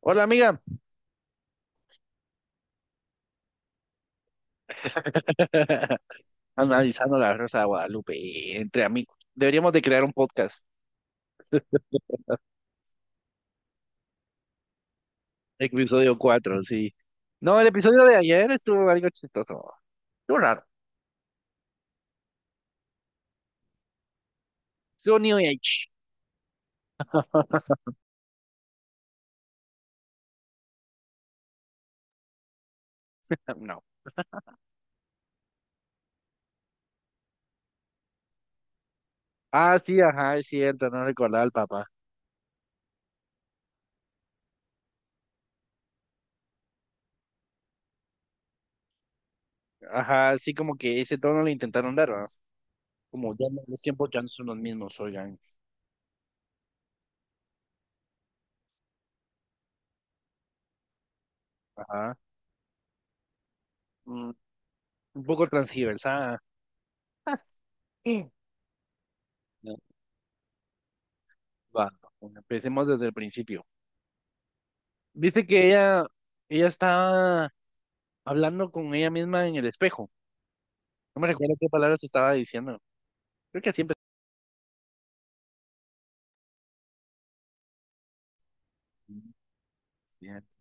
Hola amiga, analizando la Rosa de Guadalupe entre amigos. Deberíamos de crear un podcast, episodio cuatro, sí. No, el episodio de ayer estuvo algo chistoso. Estuvo raro. Estuvo New Age. No. Ah, sí, ajá, es cierto, no recordaba al papá. Ajá, sí, como que ese tono le intentaron dar, ¿verdad? Como ya no, los tiempos ya no son los mismos, oigan. Ajá. Mm, un poco transgiversada. Sí. No, va, empecemos desde el principio. Viste que ella está hablando con ella misma en el espejo. No me recuerdo qué palabras estaba diciendo. Creo que siempre. Es cierto,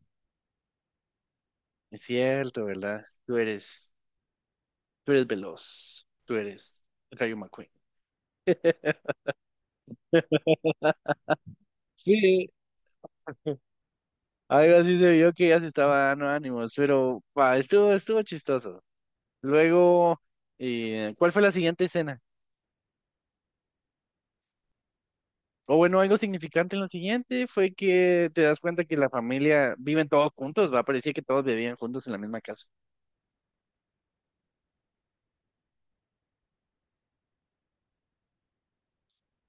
es cierto, ¿verdad? Tú eres veloz. Tú eres Rayo McQueen. Sí, algo así se vio que ya se estaba dando ánimos, pero pa, estuvo chistoso. Luego, ¿cuál fue la siguiente escena? O bueno, algo significante en lo siguiente fue que te das cuenta que la familia viven todos juntos, va, parecía que todos vivían juntos en la misma casa.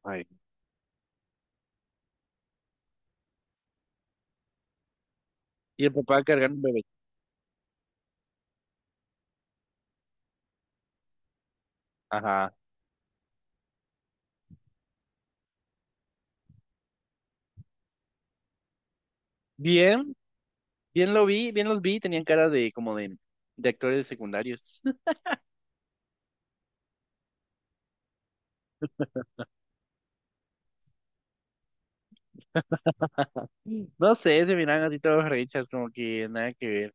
Ay. Y el papá cargando un bebé. Ajá. Bien, bien los vi, tenían cara de como de actores secundarios. No sé, se miran así todos rechas, como que nada que ver.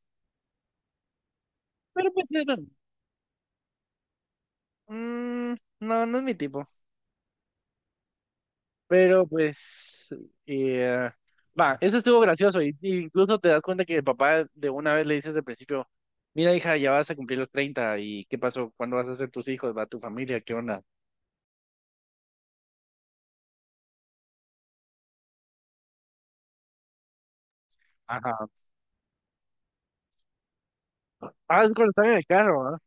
Pero pues eran, mm, no, no es mi tipo. Pero pues, eh, va, eso estuvo gracioso. Y incluso te das cuenta que el papá de una vez le dice desde el principio, mira hija, ya vas a cumplir los 30 y ¿qué pasó? ¿Cuándo vas a hacer tus hijos? ¿Va tu familia? ¿Qué onda? Ajá. Ah, es cuando están en el carro, ¿ah?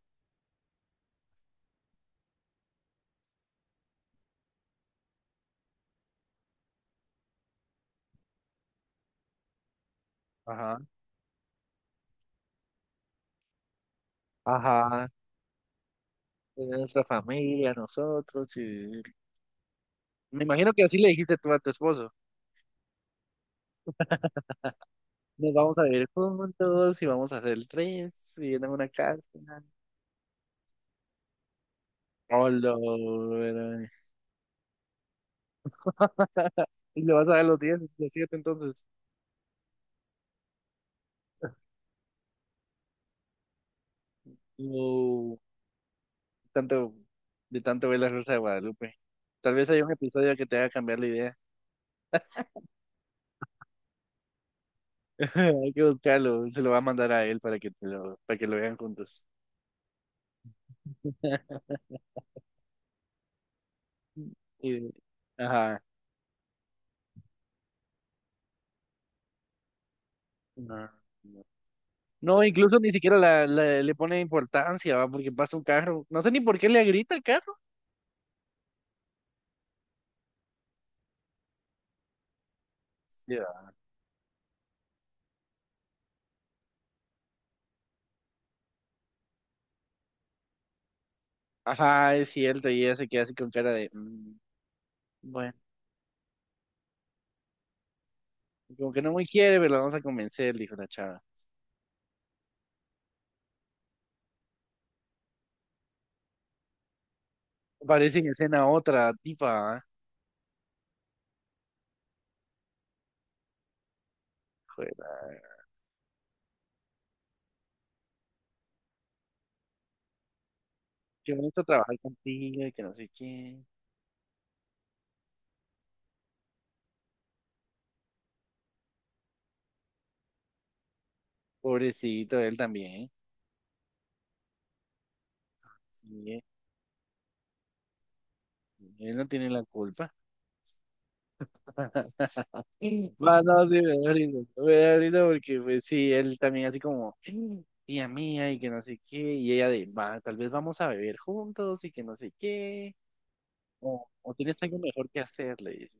Ajá. Ajá. Nuestra familia, nosotros, sí. Me imagino que así le dijiste tú a tu esposo. Nos vamos a vivir juntos y vamos a hacer tres y en una casa. Hola. Verá. Y le vas a dar los 10, los 7 entonces. No, tanto, de tanto ver la Rosa de Guadalupe. Tal vez haya un episodio que te haga cambiar la idea. Hay que buscarlo. Se lo va a mandar a él para que, lo vean juntos. Y- ajá. No, no. No, incluso ni siquiera le pone importancia, ¿va? Porque pasa un carro. No sé ni por qué le grita al carro. Sí, va. Ajá, es cierto, y ella se queda así con cara de, "Mm, bueno, como que no muy quiere, pero la vamos a convencer", dijo la chava. Aparece en escena otra tipa, ¿ah? Joder, que bonito trabajar contigo y que no sé qué. Pobrecito él también, ¿eh? Sí, él no tiene la culpa. Sí. Va, no, sí, me da risa porque, pues, sí, él también así como, tía mía, y que no sé qué, y ella de, va, tal vez vamos a beber juntos, y que no sé qué, o tienes algo mejor que hacer, le dice.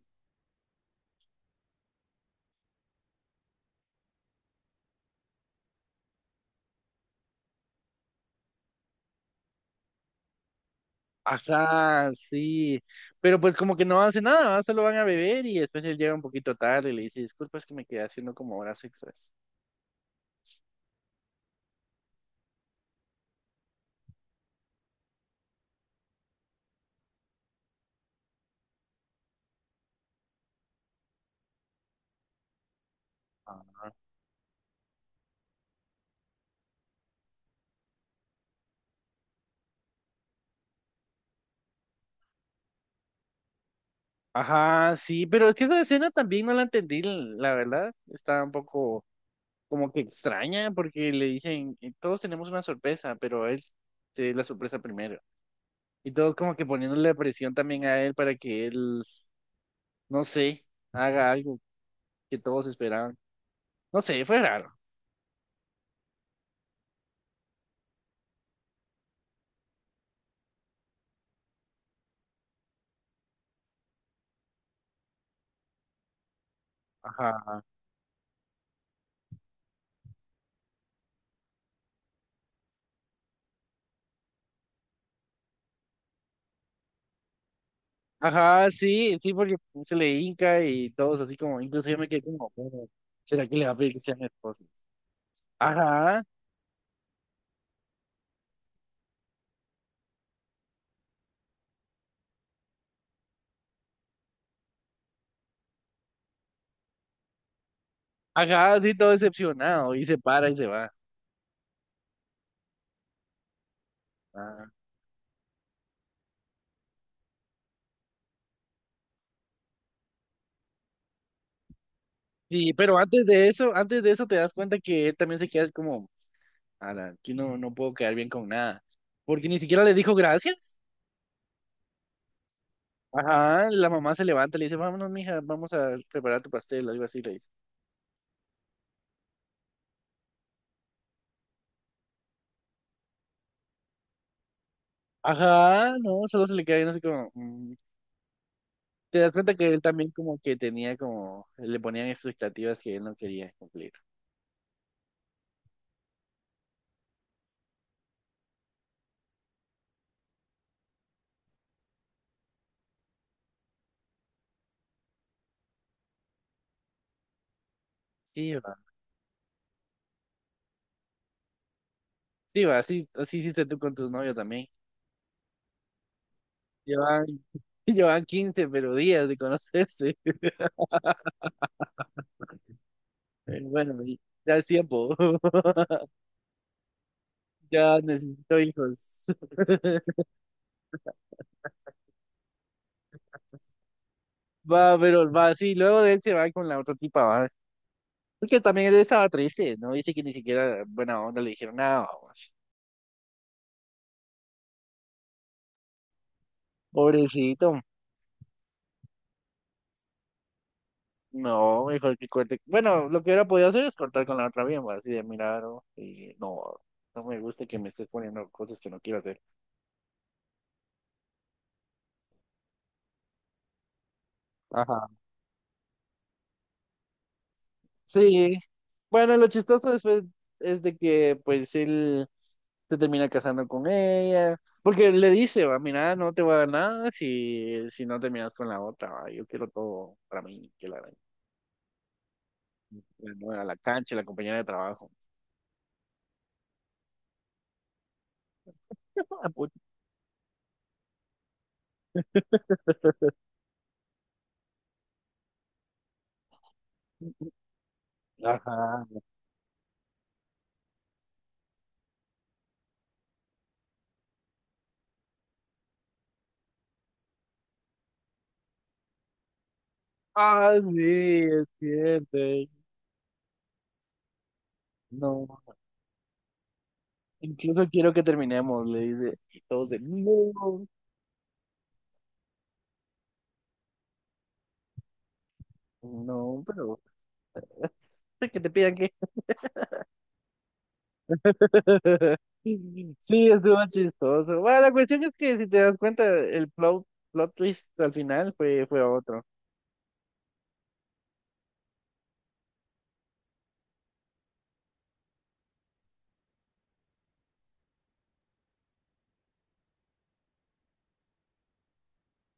Ajá, sí, pero pues como que no hace nada, ¿verdad? Solo van a beber y después él llega un poquito tarde y le dice, disculpa, es que me quedé haciendo como horas extras. Ajá, sí, pero es que esa escena también no la entendí, la verdad, está un poco como que extraña porque le dicen, todos tenemos una sorpresa, pero él te da la sorpresa primero. Y todos como que poniéndole presión también a él para que él, no sé, haga algo que todos esperaban. No sé, fue raro. Ajá. Ajá, sí, sí, porque se le hinca y todos así como, incluso yo me quedé como, "Oh, ¿será que le va a pedir que sea mi esposa? Ajá, ajá, sí, todo decepcionado y se para y se va. Ajá. Sí, pero antes de eso te das cuenta que él también se queda así como, ala, aquí no, no puedo quedar bien con nada, porque ni siquiera le dijo gracias. Ajá, la mamá se levanta y le dice, vámonos, mija, vamos a preparar tu pastel, algo así le dice. Ajá, no, solo se le queda viendo así como, "Mm". Te das cuenta que él también como que tenía como, le ponían expectativas que él no quería cumplir. Sí, va. Sí, va, así hiciste tú con tus novios también. Llevan, llevan 15 pero días de conocerse. Pero bueno, y ya es tiempo. Ya necesito hijos. Va, pero va, sí, luego de él se va con la otra tipa, va. Porque también él estaba triste, ¿no? Dice que ni siquiera buena onda le dijeron nada, va. Pobrecito. No, mejor que corte. Bueno, lo que hubiera podido hacer es cortar con la otra misma, así de mirar, ¿no? Y no, no me gusta que me estés poniendo cosas que no quiero hacer. Ajá. Sí. Bueno, lo chistoso después es de que pues él se termina casando con ella, porque le dice, va, mira, no te voy a dar nada si no terminas con la otra, va, yo quiero todo para mí, que la nueva, la cancha, la compañera de trabajo. Ajá. Ah, sí, es cierto. No. Incluso quiero que terminemos, le dice. Y todos de, no, no, pero que te pidan que... Sí, estuvo chistoso. Bueno, la cuestión es que si te das cuenta, el plot twist al final fue otro.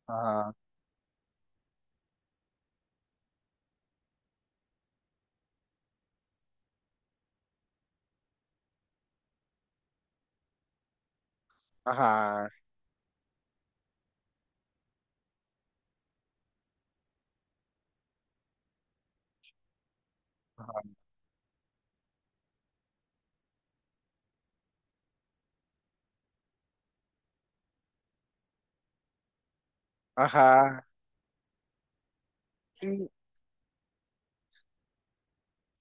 Ajá, ajá, ajá, ajá. Sí,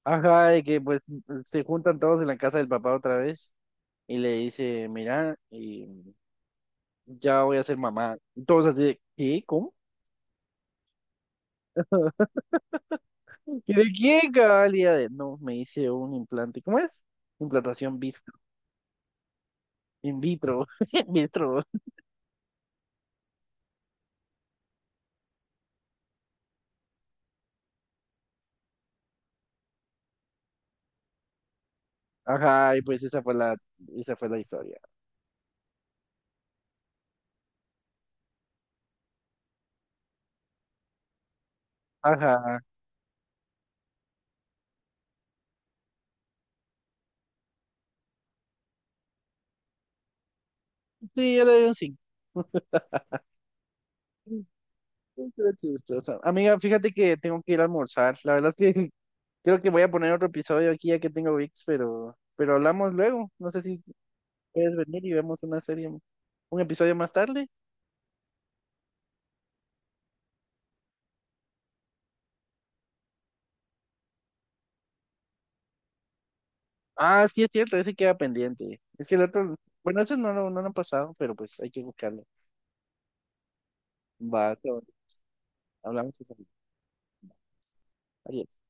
ajá, de que pues se juntan todos en la casa del papá otra vez y le dice, mira, y ya voy a ser mamá. Y todos así, de, ¿qué? ¿Cómo? ¿Y de qué cabalidades? No, me hice un implante. ¿Cómo es? Implantación in vitro. In vitro. Ajá, y pues esa fue la historia. Ajá. Sí, yo le doy un 5. Estuvo chistosa. Amiga, fíjate que tengo que ir a almorzar. La verdad es que creo que voy a poner otro episodio aquí ya que tengo VIX, pero hablamos luego. No sé si puedes venir y vemos una serie, un episodio más tarde. Ah, sí, es cierto, ese queda pendiente. Es que el otro, bueno, eso no, no, lo han pasado, pero pues hay que buscarlo. Va, está bueno. Hablamos esa noche. Adiós.